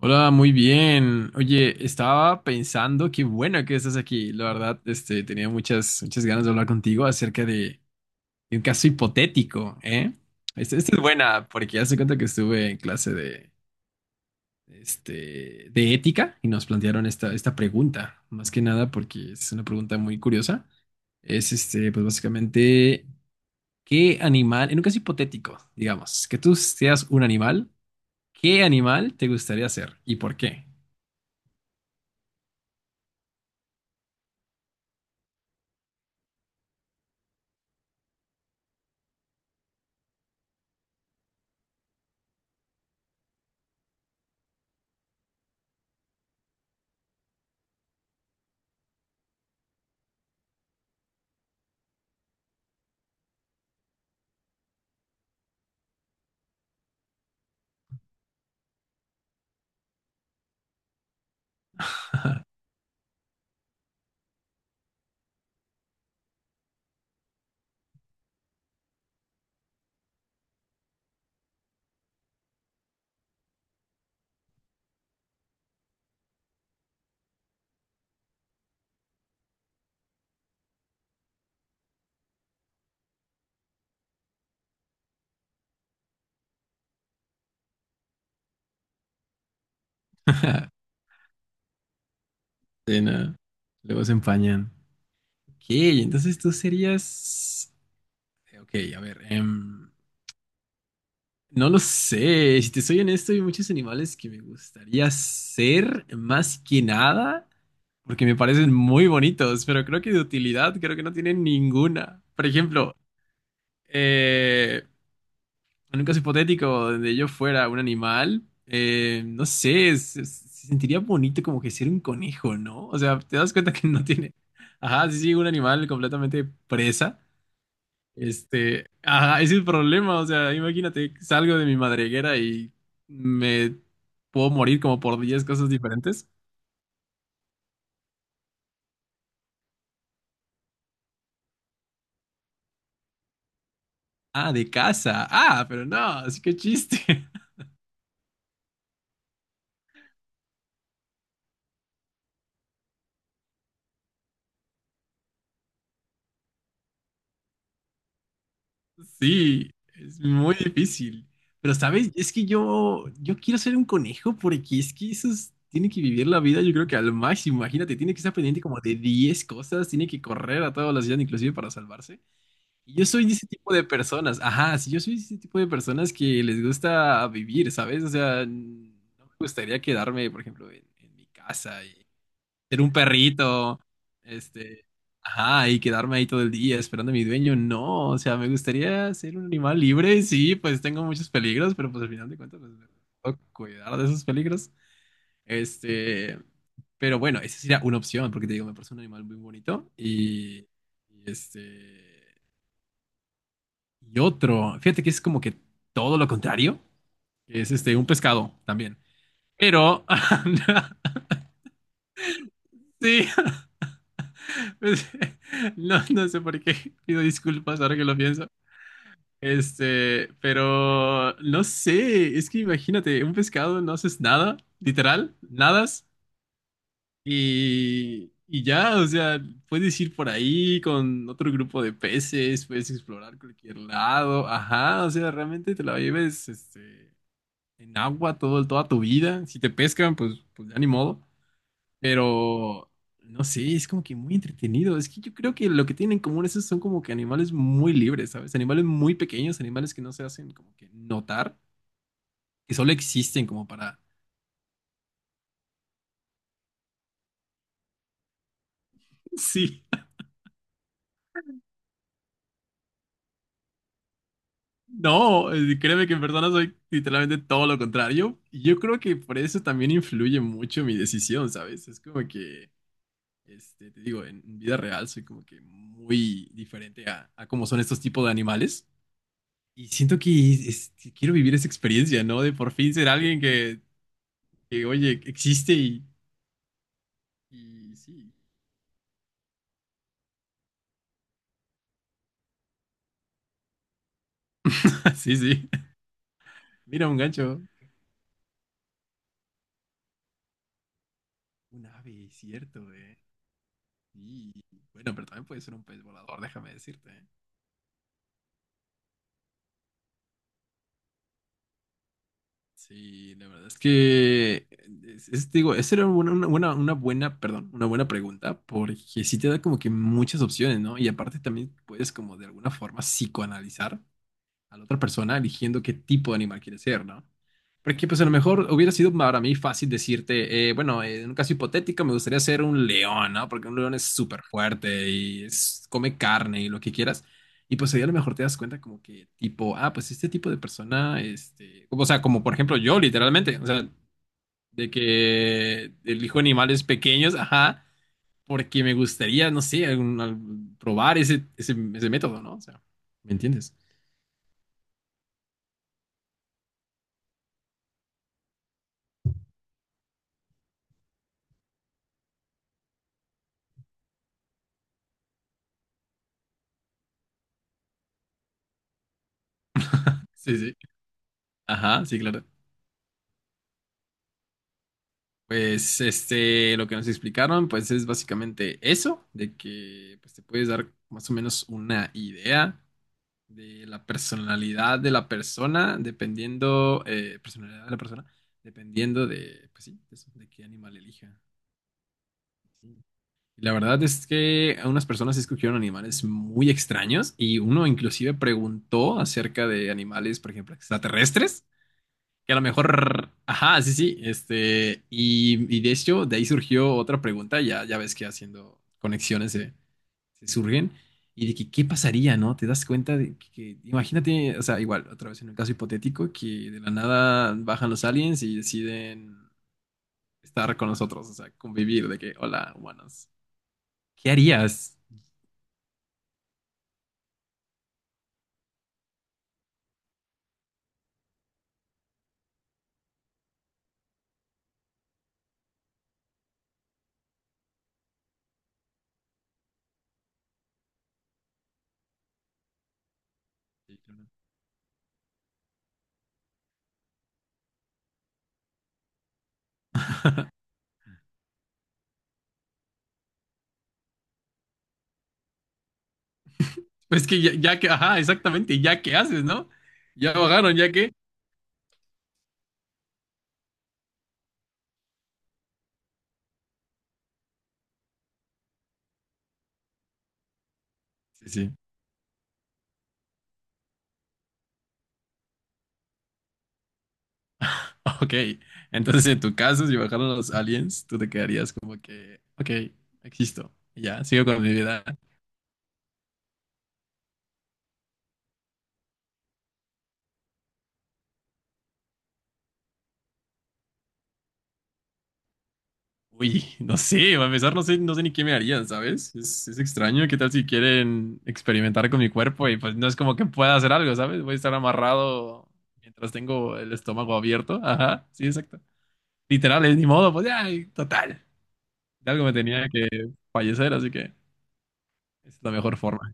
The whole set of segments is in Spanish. Hola, muy bien. Oye, estaba pensando, qué bueno que estás aquí. La verdad, tenía muchas ganas de hablar contigo acerca de un caso hipotético, ¿eh? Esta es buena, porque ya se cuenta que estuve en clase de, de ética y nos plantearon esta pregunta. Más que nada, porque es una pregunta muy curiosa. Es, pues básicamente, ¿qué animal, en un caso hipotético, digamos, que tú seas un animal, qué animal te gustaría ser y por qué? Sí, no. Luego se empañan. Ok, entonces tú serías... Ok, a ver. No lo sé. Si te soy honesto, hay muchos animales que me gustaría ser, más que nada porque me parecen muy bonitos, pero creo que de utilidad creo que no tienen ninguna. Por ejemplo, eh, en un caso hipotético donde yo fuera un animal, no sé, se sentiría bonito como que ser un conejo, ¿no? O sea, te das cuenta que no tiene. Ajá, sí, un animal completamente presa. Este, ajá, ese es el problema. O sea, imagínate, salgo de mi madriguera y me puedo morir como por 10 cosas diferentes. Ah, de casa. Ah, pero no, así que chiste. Sí, es muy difícil. Pero, ¿sabes? Es que yo quiero ser un conejo porque es que esos tienen que vivir la vida, yo creo que al máximo. Imagínate, tiene que estar pendiente como de 10 cosas, tiene que correr a toda velocidad, inclusive para salvarse. Y yo soy de ese tipo de personas. Ajá, sí, yo soy de ese tipo de personas que les gusta vivir, ¿sabes? O sea, no me gustaría quedarme, por ejemplo, en mi casa ser un perrito, este, ajá, y quedarme ahí todo el día esperando a mi dueño, no, o sea, me gustaría ser un animal libre, sí, pues tengo muchos peligros, pero pues al final de cuentas, pues, puedo cuidar de esos peligros, este, pero bueno, esa sería una opción, porque te digo, me parece un animal muy bonito, y este, y otro, fíjate que es como que todo lo contrario, es este, un pescado también, pero... Sí, pues, no, no sé por qué. Pido disculpas ahora que lo pienso. Este, pero no sé, es que imagínate, un pescado no haces nada, literal, nadas y ya, o sea, puedes ir por ahí con otro grupo de peces, puedes explorar cualquier lado, ajá, o sea, realmente te la lleves este, en agua toda tu vida. Si te pescan, pues, pues ya ni modo. Pero no sé, es como que muy entretenido. Es que yo creo que lo que tienen en común esos son como que animales muy libres, ¿sabes? Animales muy pequeños, animales que no se hacen como que notar, que solo existen como para... Sí. No, créeme que en persona soy literalmente todo lo contrario. Y yo creo que por eso también influye mucho mi decisión, ¿sabes? Es como que, este, te digo, en vida real soy como que muy diferente a cómo son estos tipos de animales. Y siento que que quiero vivir esa experiencia, ¿no? De por fin ser alguien que, oye, existe y sí. Sí, sí. Mira, un gancho. Un ave, cierto, ¿eh? Y bueno, pero también puede ser un pez volador, déjame decirte. ¿Eh? Sí, la verdad es que, digo, esa era una buena, perdón, una buena pregunta, porque sí te da como que muchas opciones, ¿no? Y aparte también puedes como de alguna forma psicoanalizar a la otra persona eligiendo qué tipo de animal quiere ser, ¿no? Porque pues a lo mejor hubiera sido para mí fácil decirte, bueno, en un caso hipotético me gustaría ser un león, ¿no? Porque un león es súper fuerte y come carne y lo que quieras. Y pues ahí a lo mejor te das cuenta como que tipo, ah, pues este tipo de persona, este, o sea, como por ejemplo yo literalmente, o sea, de que elijo animales pequeños, ajá, porque me gustaría, no sé, probar ese método, ¿no? O sea, ¿me entiendes? Sí, sí. Ajá, sí, claro. Pues este, lo que nos explicaron, pues es básicamente eso, de que pues, te puedes dar más o menos una idea de la personalidad de la persona, dependiendo, personalidad de la persona, dependiendo de, pues sí, eso, de qué animal elija. Sí. Y la verdad es que unas personas sí escogieron animales muy extraños y uno inclusive preguntó acerca de animales, por ejemplo, extraterrestres. Que a lo mejor, ajá, sí, sí, este, y de hecho, de ahí surgió otra pregunta, ya ves que haciendo conexiones se surgen, y de que qué pasaría, ¿no? Te das cuenta de imagínate, o sea, igual, otra vez en un caso hipotético, que de la nada bajan los aliens y deciden estar con nosotros, o sea, convivir, de que, hola, humanos, ¿qué harías? Pues que ya, ya que, ajá, exactamente, ya que haces, ¿no? Ya bajaron, ya que. Sí, sí. Ok, entonces en tu caso, si bajaron los aliens, tú te quedarías como que, ok, existo, y ya, sigo con mi vida. Uy, no sé, a empezar, no sé, no sé ni qué me harían, ¿sabes? Es extraño, ¿qué tal si quieren experimentar con mi cuerpo? Y pues no es como que pueda hacer algo, ¿sabes? Voy a estar amarrado mientras tengo el estómago abierto. Ajá, sí, exacto. Literal, es ni modo, pues ya, y total. De algo me tenía que fallecer, así que es la mejor forma.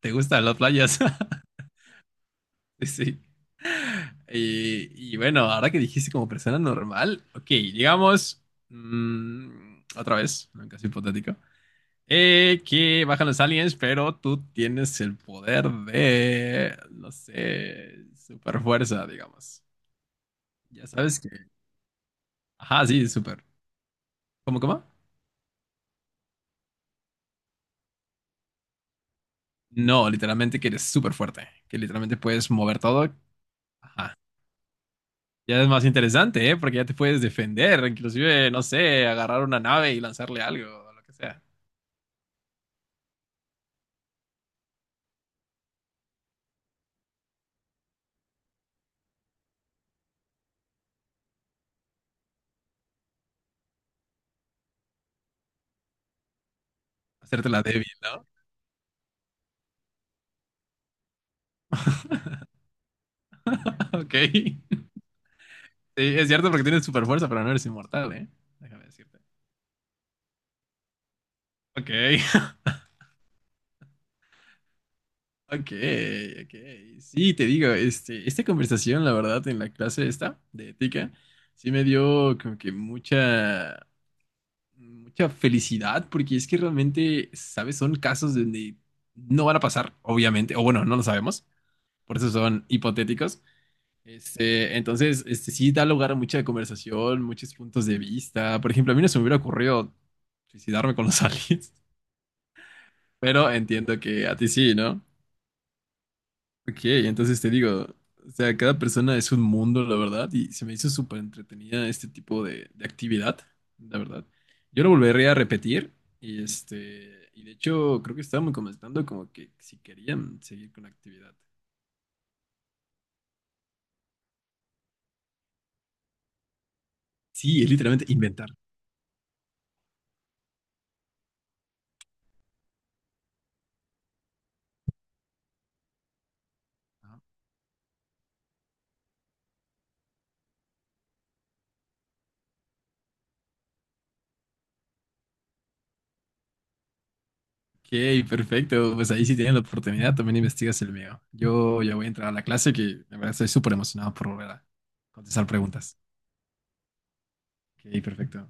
¿Te gustan las playas? Sí. Y bueno, ahora que dijiste como persona normal, ok, digamos, mm, otra vez, en un caso hipotético, que bajan los aliens, pero tú tienes el poder de, no sé, super fuerza, digamos. Ya sabes que, ajá, sí, super. ¿Cómo, cómo? No, literalmente que eres súper fuerte, que literalmente puedes mover todo. Ajá. Ya es más interesante, ¿eh? Porque ya te puedes defender, inclusive, no sé, agarrar una nave y lanzarle algo, o lo que sea. Hacerte la débil, ¿no? Ok. Sí, es cierto porque tienes super fuerza, pero no eres inmortal, ¿eh? Déjame decirte. Ok, ok, ok. Sí, te digo, este, esta conversación, la verdad, en la clase esta de ética, sí me dio como que mucha felicidad, porque es que realmente, ¿sabes? Son casos donde no van a pasar, obviamente, o bueno, no lo sabemos, por eso son hipotéticos. Este, entonces, este, sí da lugar a mucha conversación, muchos puntos de vista. Por ejemplo, a mí no se me hubiera ocurrido suicidarme con los aliens, pero entiendo que a ti sí, ¿no? Ok, entonces te digo, o sea, cada persona es un mundo, la verdad, y se me hizo súper entretenida este tipo de actividad, la verdad. Yo lo volvería a repetir, y de hecho, creo que estábamos comentando como que si querían seguir con la actividad. Sí, es literalmente inventar. Ajá. Ok, perfecto. Pues ahí sí tienen la oportunidad, también investigas el mío. Yo ya voy a entrar a la clase que de verdad estoy súper emocionado por volver a contestar preguntas. Ok, perfecto.